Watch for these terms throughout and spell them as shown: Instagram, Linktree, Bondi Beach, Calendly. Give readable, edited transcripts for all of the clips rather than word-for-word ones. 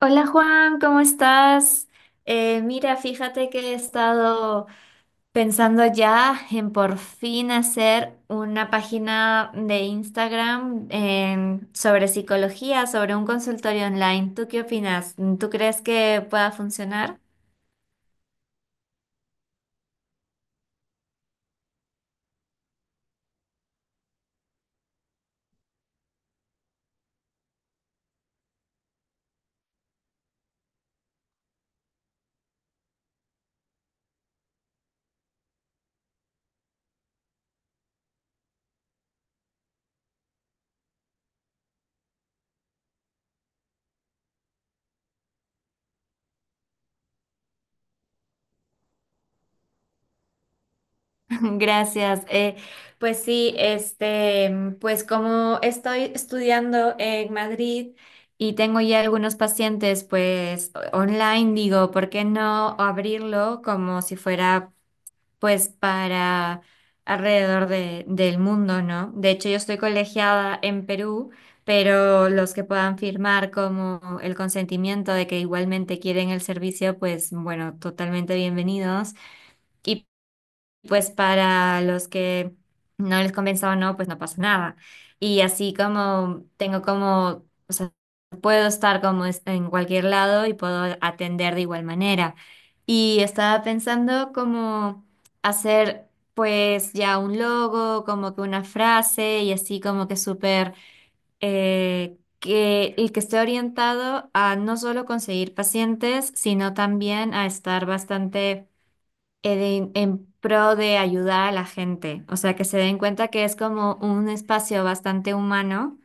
Hola Juan, ¿cómo estás? Mira, fíjate que he estado pensando ya en por fin hacer una página de Instagram sobre psicología, sobre un consultorio online. ¿Tú qué opinas? ¿Tú crees que pueda funcionar? Gracias. Pues sí, pues como estoy estudiando en Madrid y tengo ya algunos pacientes, pues online, digo, ¿por qué no abrirlo como si fuera, pues, para alrededor del mundo? ¿No? De hecho, yo estoy colegiada en Perú, pero los que puedan firmar como el consentimiento de que igualmente quieren el servicio, pues, bueno, totalmente bienvenidos. Y pues para los que no les convenza o no, pues no pasa nada. Y así como tengo como, o sea, puedo estar como en cualquier lado y puedo atender de igual manera. Y estaba pensando como hacer pues ya un logo, como que una frase y así como que súper, que el que esté orientado a no solo conseguir pacientes, sino también a estar bastante en pro de ayudar a la gente. O sea, que se den cuenta que es como un espacio bastante humano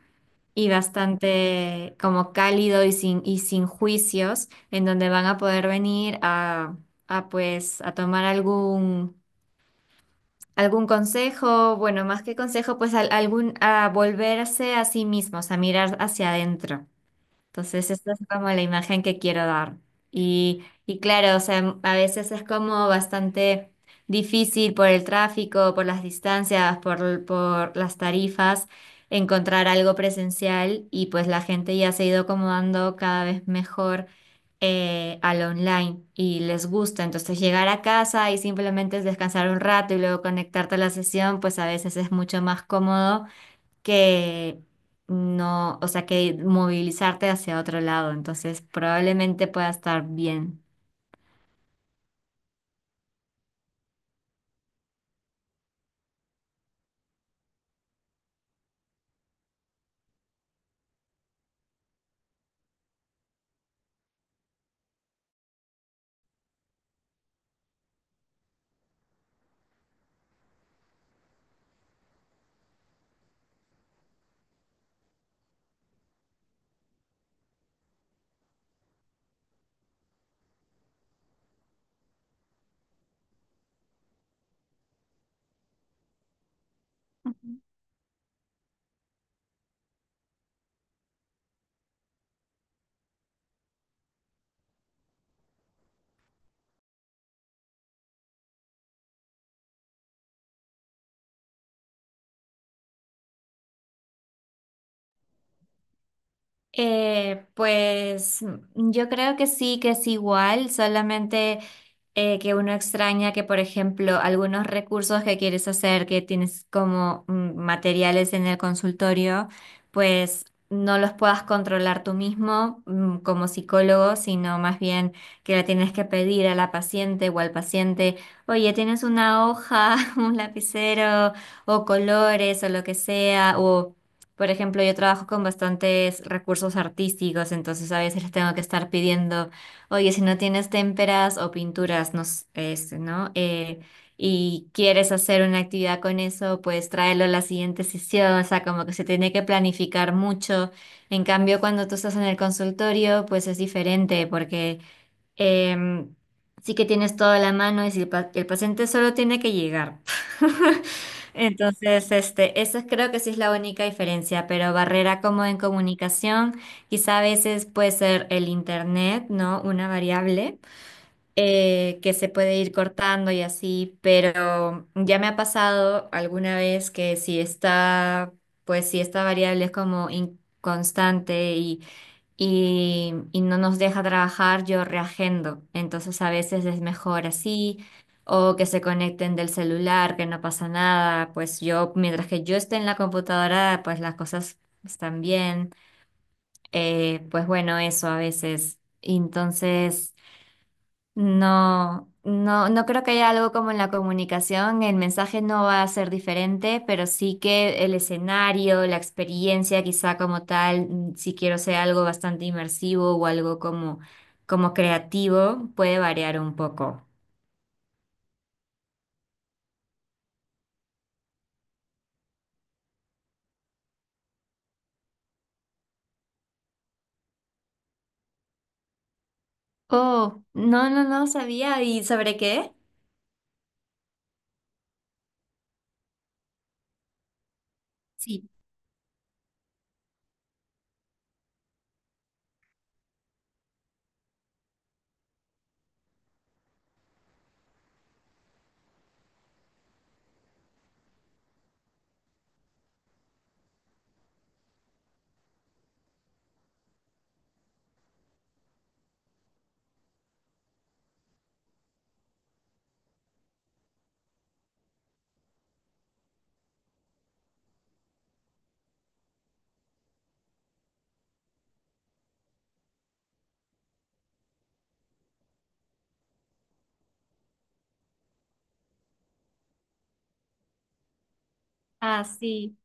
y bastante como cálido y sin juicios, en donde van a poder venir a, pues a tomar algún consejo, bueno, más que consejo, pues algún, a volverse a sí mismos, a mirar hacia adentro. Entonces, esa es como la imagen que quiero dar. Y claro, o sea, a veces es como bastante difícil por el tráfico, por las distancias, por las tarifas, encontrar algo presencial y pues la gente ya se ha ido acomodando cada vez mejor al online y les gusta. Entonces, llegar a casa y simplemente es descansar un rato y luego conectarte a la sesión, pues a veces es mucho más cómodo que no, o sea, que movilizarte hacia otro lado. Entonces, probablemente pueda estar bien. Pues yo creo que sí, que es igual, solamente que uno extraña que, por ejemplo, algunos recursos que quieres hacer, que tienes como materiales en el consultorio, pues no los puedas controlar tú mismo como psicólogo, sino más bien que la tienes que pedir a la paciente o al paciente, oye, tienes una hoja, un lapicero o colores o lo que sea, Por ejemplo, yo trabajo con bastantes recursos artísticos, entonces a veces les tengo que estar pidiendo, oye, si no tienes témperas o pinturas, ¿no? Y quieres hacer una actividad con eso, pues tráelo a la siguiente sesión, o sea, como que se tiene que planificar mucho. En cambio, cuando tú estás en el consultorio, pues es diferente, porque Em, sí que tienes toda la mano y si el paciente solo tiene que llegar. Entonces, esa creo que sí es la única diferencia, pero barrera como en comunicación, quizá a veces puede ser el internet, ¿no? Una variable que se puede ir cortando y así, pero ya me ha pasado alguna vez que si está, pues si esta variable es como inconstante y no nos deja trabajar, yo reagendo. Entonces a veces es mejor así, o que se conecten del celular, que no pasa nada. Pues yo, mientras que yo esté en la computadora, pues las cosas están bien. Pues bueno, eso a veces. No, no, no creo que haya algo como en la comunicación. El mensaje no va a ser diferente, pero sí que el escenario, la experiencia, quizá como tal, si quiero ser algo bastante inmersivo o algo como creativo, puede variar un poco. Oh, no, no, no sabía. ¿Y sobre qué? Sí. Ah, sí.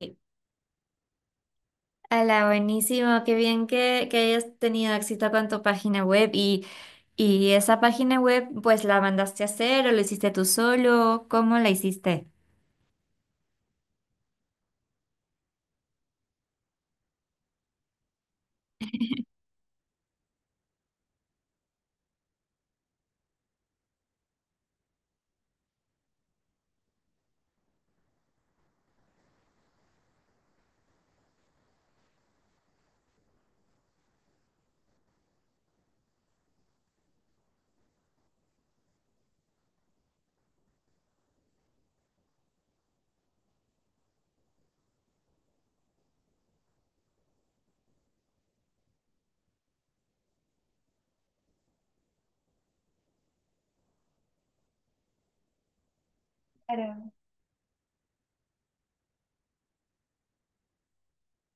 Sí. Hola, buenísimo, qué bien que hayas tenido éxito con tu página web y esa página web pues la mandaste a hacer o lo hiciste tú solo, ¿cómo la hiciste? Claro.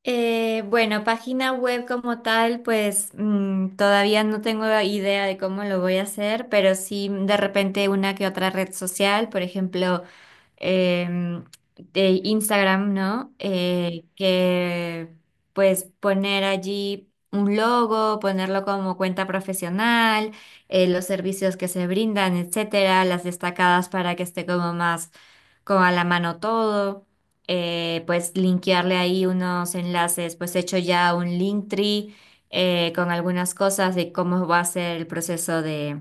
Bueno, página web como tal, pues todavía no tengo idea de cómo lo voy a hacer, pero sí de repente una que otra red social, por ejemplo, em, de Instagram, ¿no? Que pues poner allí un logo, ponerlo como cuenta profesional, los servicios que se brindan, etcétera, las destacadas para que esté como más como a la mano todo pues linkearle ahí unos enlaces, pues he hecho ya un Linktree con algunas cosas de cómo va a ser el proceso de,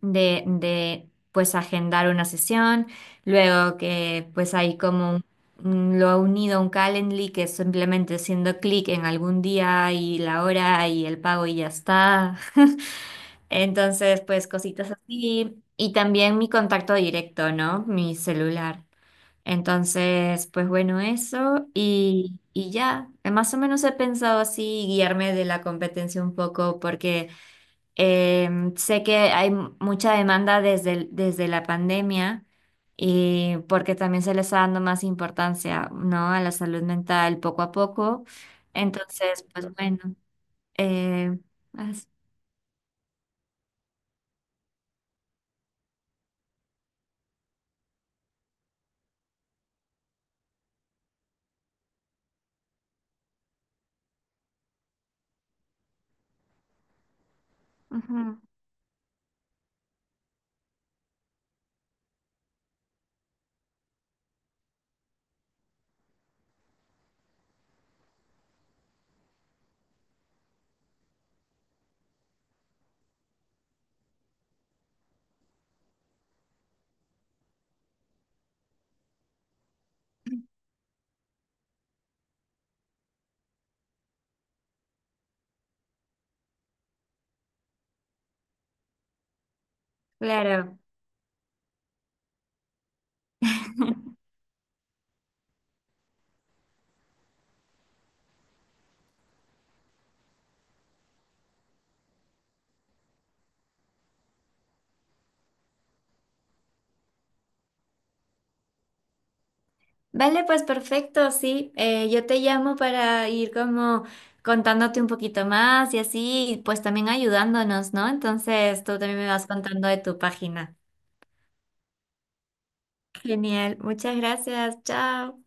de pues agendar una sesión, luego que pues hay como lo ha unido a un Calendly que es simplemente haciendo clic en algún día y la hora y el pago y ya está. Entonces, pues cositas así. Y también mi contacto directo, ¿no? Mi celular. Entonces, pues bueno, eso y ya. Más o menos he pensado así guiarme de la competencia un poco porque sé que hay mucha demanda desde, desde la pandemia y porque también se le está dando más importancia, ¿no? A la salud mental poco a poco. Entonces, pues bueno, eh, as- ujú, claro. Vale, pues perfecto, sí. Yo te llamo para ir como contándote un poquito más y así, y pues también ayudándonos, ¿no? Entonces tú también me vas contando de tu página. Genial, muchas gracias, chao.